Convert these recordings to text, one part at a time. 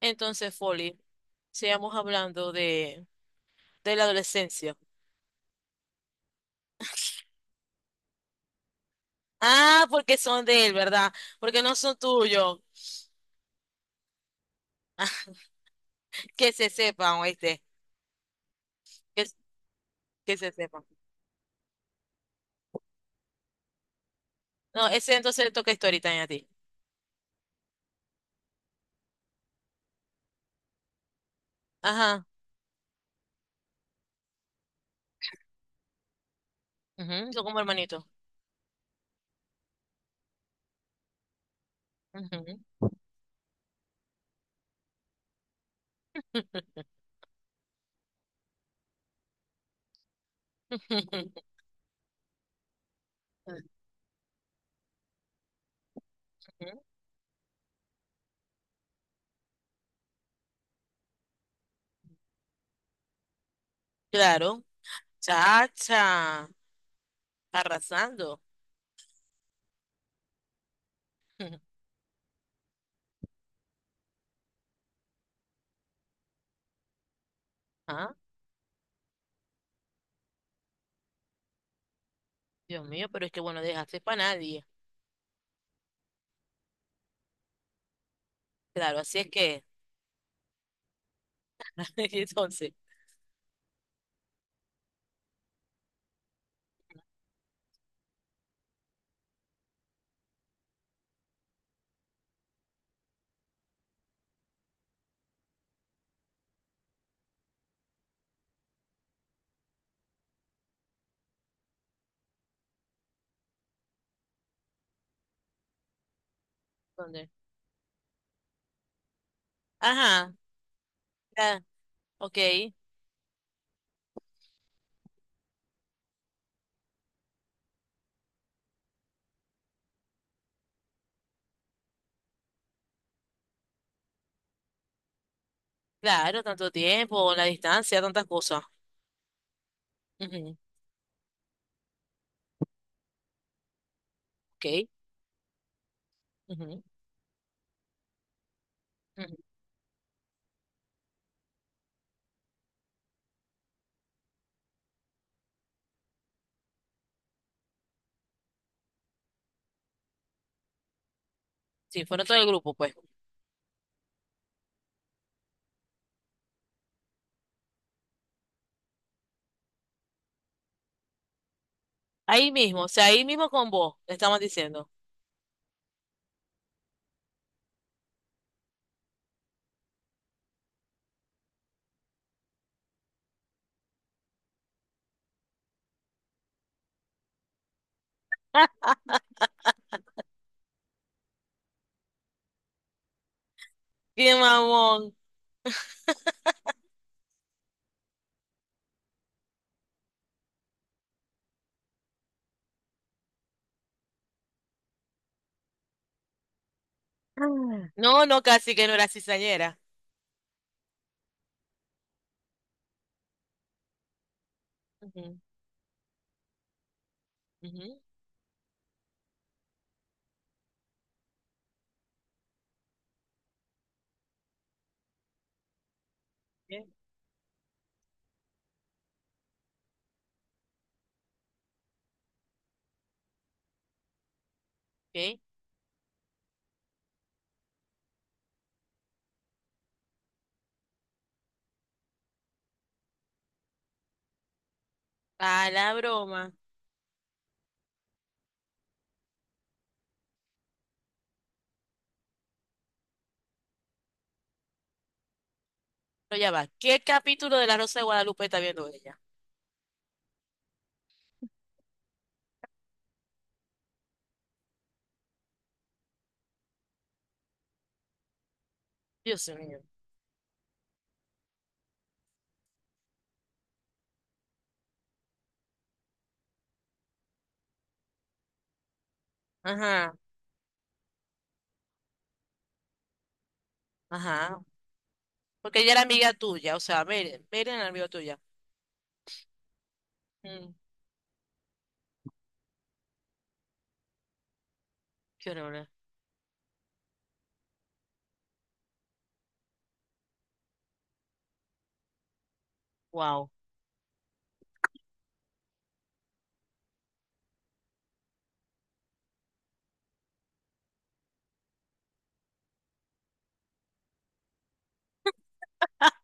Entonces, Folly, sigamos hablando de la adolescencia. Ah, porque son de él, ¿verdad? Porque no son tuyos. Ah, que se sepan, oíste. Que, que se sepan. No, ese entonces le toca historita, Story a ti. Ajá. Ujú, son como hermanitos. Ujú. Ujú. Claro. Chacha. Arrasando. Ah, Dios mío, pero es que bueno, dejaste para nadie. Claro, así es que. Entonces, ¿dónde? Ajá. Ya, ok. Claro, tanto tiempo, la distancia, tantas cosas. Ujú, ok. Ujú, ujú. Sí, fueron todo el grupo, pues. Ahí mismo, o sea, ahí mismo con vos, le estamos diciendo. ¡Qué mamón! Ah. No, no, casi que no era cizañera. Ujú, ujú, bien, ok. A la broma. Pero ya va. ¿Qué capítulo de La Rosa de Guadalupe está viendo ella? Dios mío. Ajá, ajá. Porque ella era amiga tuya, o sea, Meren era amiga tuya. Mm, qué horror. Wow.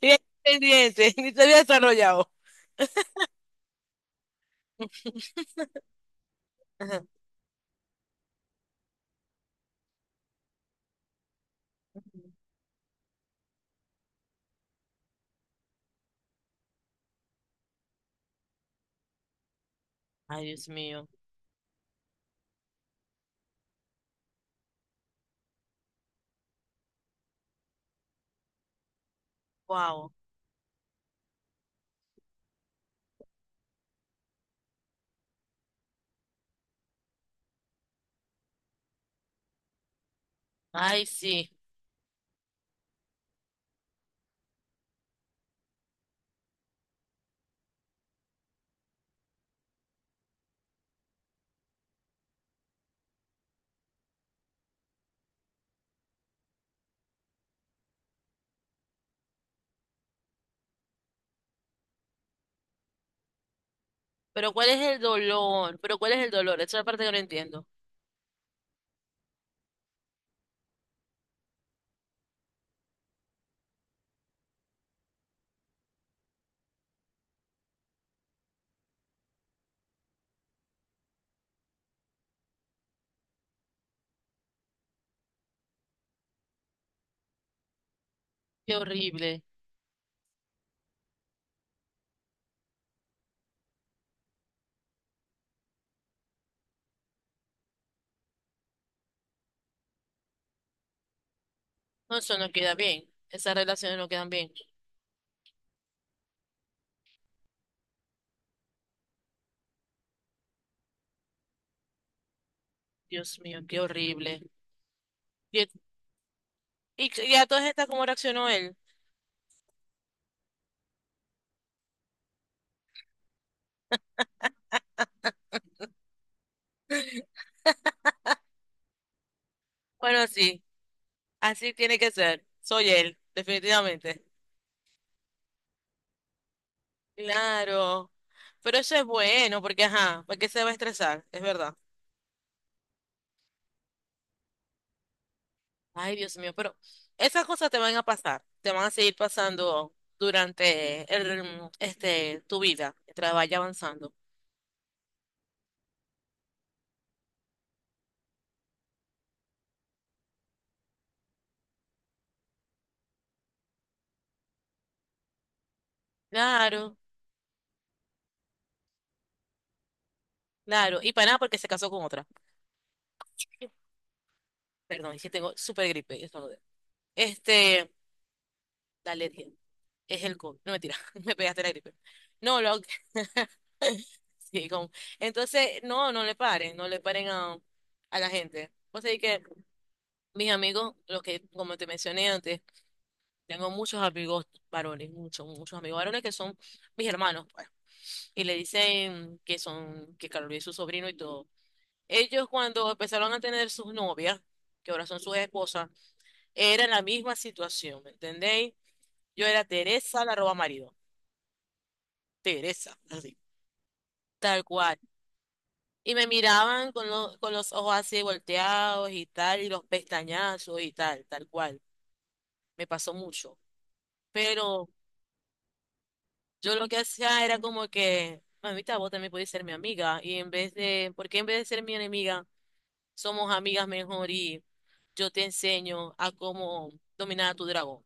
Bien, pendiente, ni se había desarrollado. Ajá. Ay, Dios mío. Wow. Ay, sí. Pero ¿cuál es el dolor? Pero ¿cuál es el dolor? Esa es la parte que no entiendo. Qué horrible. No, eso no queda bien. Esas relaciones no quedan bien. Dios mío, qué horrible. Y, y a todas estas, ¿cómo reaccionó él? Bueno, sí, así tiene que ser. Soy él, definitivamente. Claro. Pero eso es bueno, porque ajá, ¿para qué se va a estresar? Es verdad. Ay, Dios mío, pero esas cosas te van a pasar, te van a seguir pasando durante tu vida, mientras vaya avanzando. Claro, claro. Y para nada porque se casó con otra. Perdón, es que tengo súper gripe, y estornudé. Este, dale, tía. Es el COVID. No, mentira, me pegaste la gripe. No, lo... Sí, como... Entonces, no, no le paren, no le paren a la gente. O sea, que mis amigos, los que, como te mencioné antes, tengo muchos amigos varones, muchos amigos varones que son mis hermanos, pues. Y le dicen que son, que Carlos es su sobrino y todo. Ellos cuando empezaron a tener sus novias, que ahora son sus esposas, era la misma situación, ¿me entendéis? Yo era Teresa, la roba marido. Teresa, así, tal cual. Y me miraban con, lo... con los ojos así volteados y tal, y los pestañazos y tal, tal cual. Me pasó mucho. Pero yo lo que hacía era como que, mamita, vos también podés ser mi amiga. Y en vez de, porque en vez de ser mi enemiga, somos amigas mejor y yo te enseño a cómo dominar a tu dragón.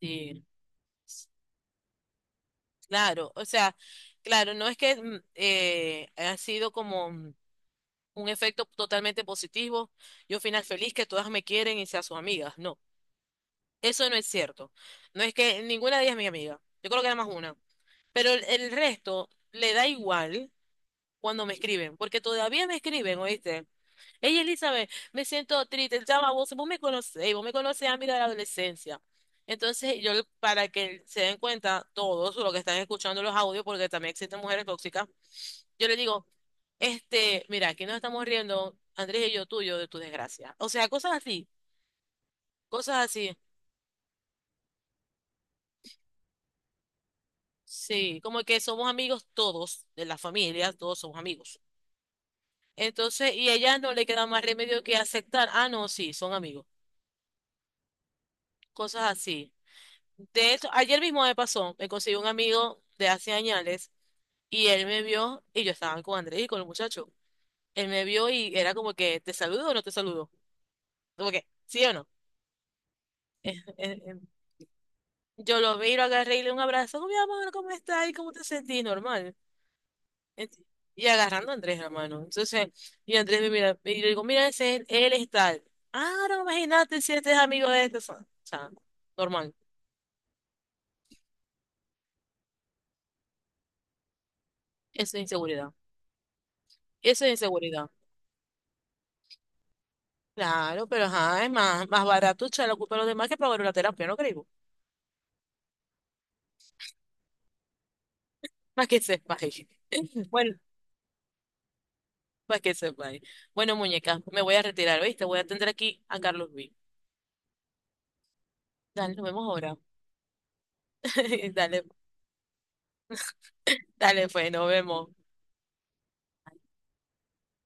Sí, claro, o sea, claro, no es que ha sido como un efecto totalmente positivo y un final feliz que todas me quieren y sean sus amigas. No, eso no es cierto. No es que ninguna de ellas es mi amiga. Yo creo que era más una. Pero el resto le da igual cuando me escriben, porque todavía me escriben, ¿oíste? Ella, Elizabeth, me siento triste, chama, vos me conocés a mí de la adolescencia. Entonces, yo, para que se den cuenta todos los que están escuchando los audios, porque también existen mujeres tóxicas, yo les digo, este, mira, aquí nos estamos riendo, Andrés y yo tuyo, de tu desgracia. O sea, cosas así, cosas así. Sí, como que somos amigos todos, de la familia, todos somos amigos. Entonces, y a ella no le queda más remedio que aceptar, ah, no, sí, son amigos. Cosas así. De hecho, ayer mismo me pasó, me conseguí un amigo de hace años y él me vio y yo estaba con Andrés y con el muchacho. Él me vio y era como que, ¿te saludo o no te saludo? Como que, ¿sí o no? Eh, eh, yo lo vi, lo agarré y le di un abrazo. "Oh, mi amor, ¿cómo estás? ¿Y cómo te sentís? Normal. Ent... y agarrando a Andrés, hermano. Entonces, y Andrés me mira, y yo digo, mira, ese es... él es tal. Ah, no, imagínate si este es amigo de este. O sea, normal. Eso es inseguridad. Eso es inseguridad. Claro, pero ajá, es más, más barato echar la culpa a los demás que pagar una terapia, ¿no creo? Más que sepa. Bueno, más que sepa. Bueno, muñeca, me voy a retirar, ¿viste? Voy a atender aquí a Carlos B. Dale, nos vemos ahora. Dale, pues, nos vemos.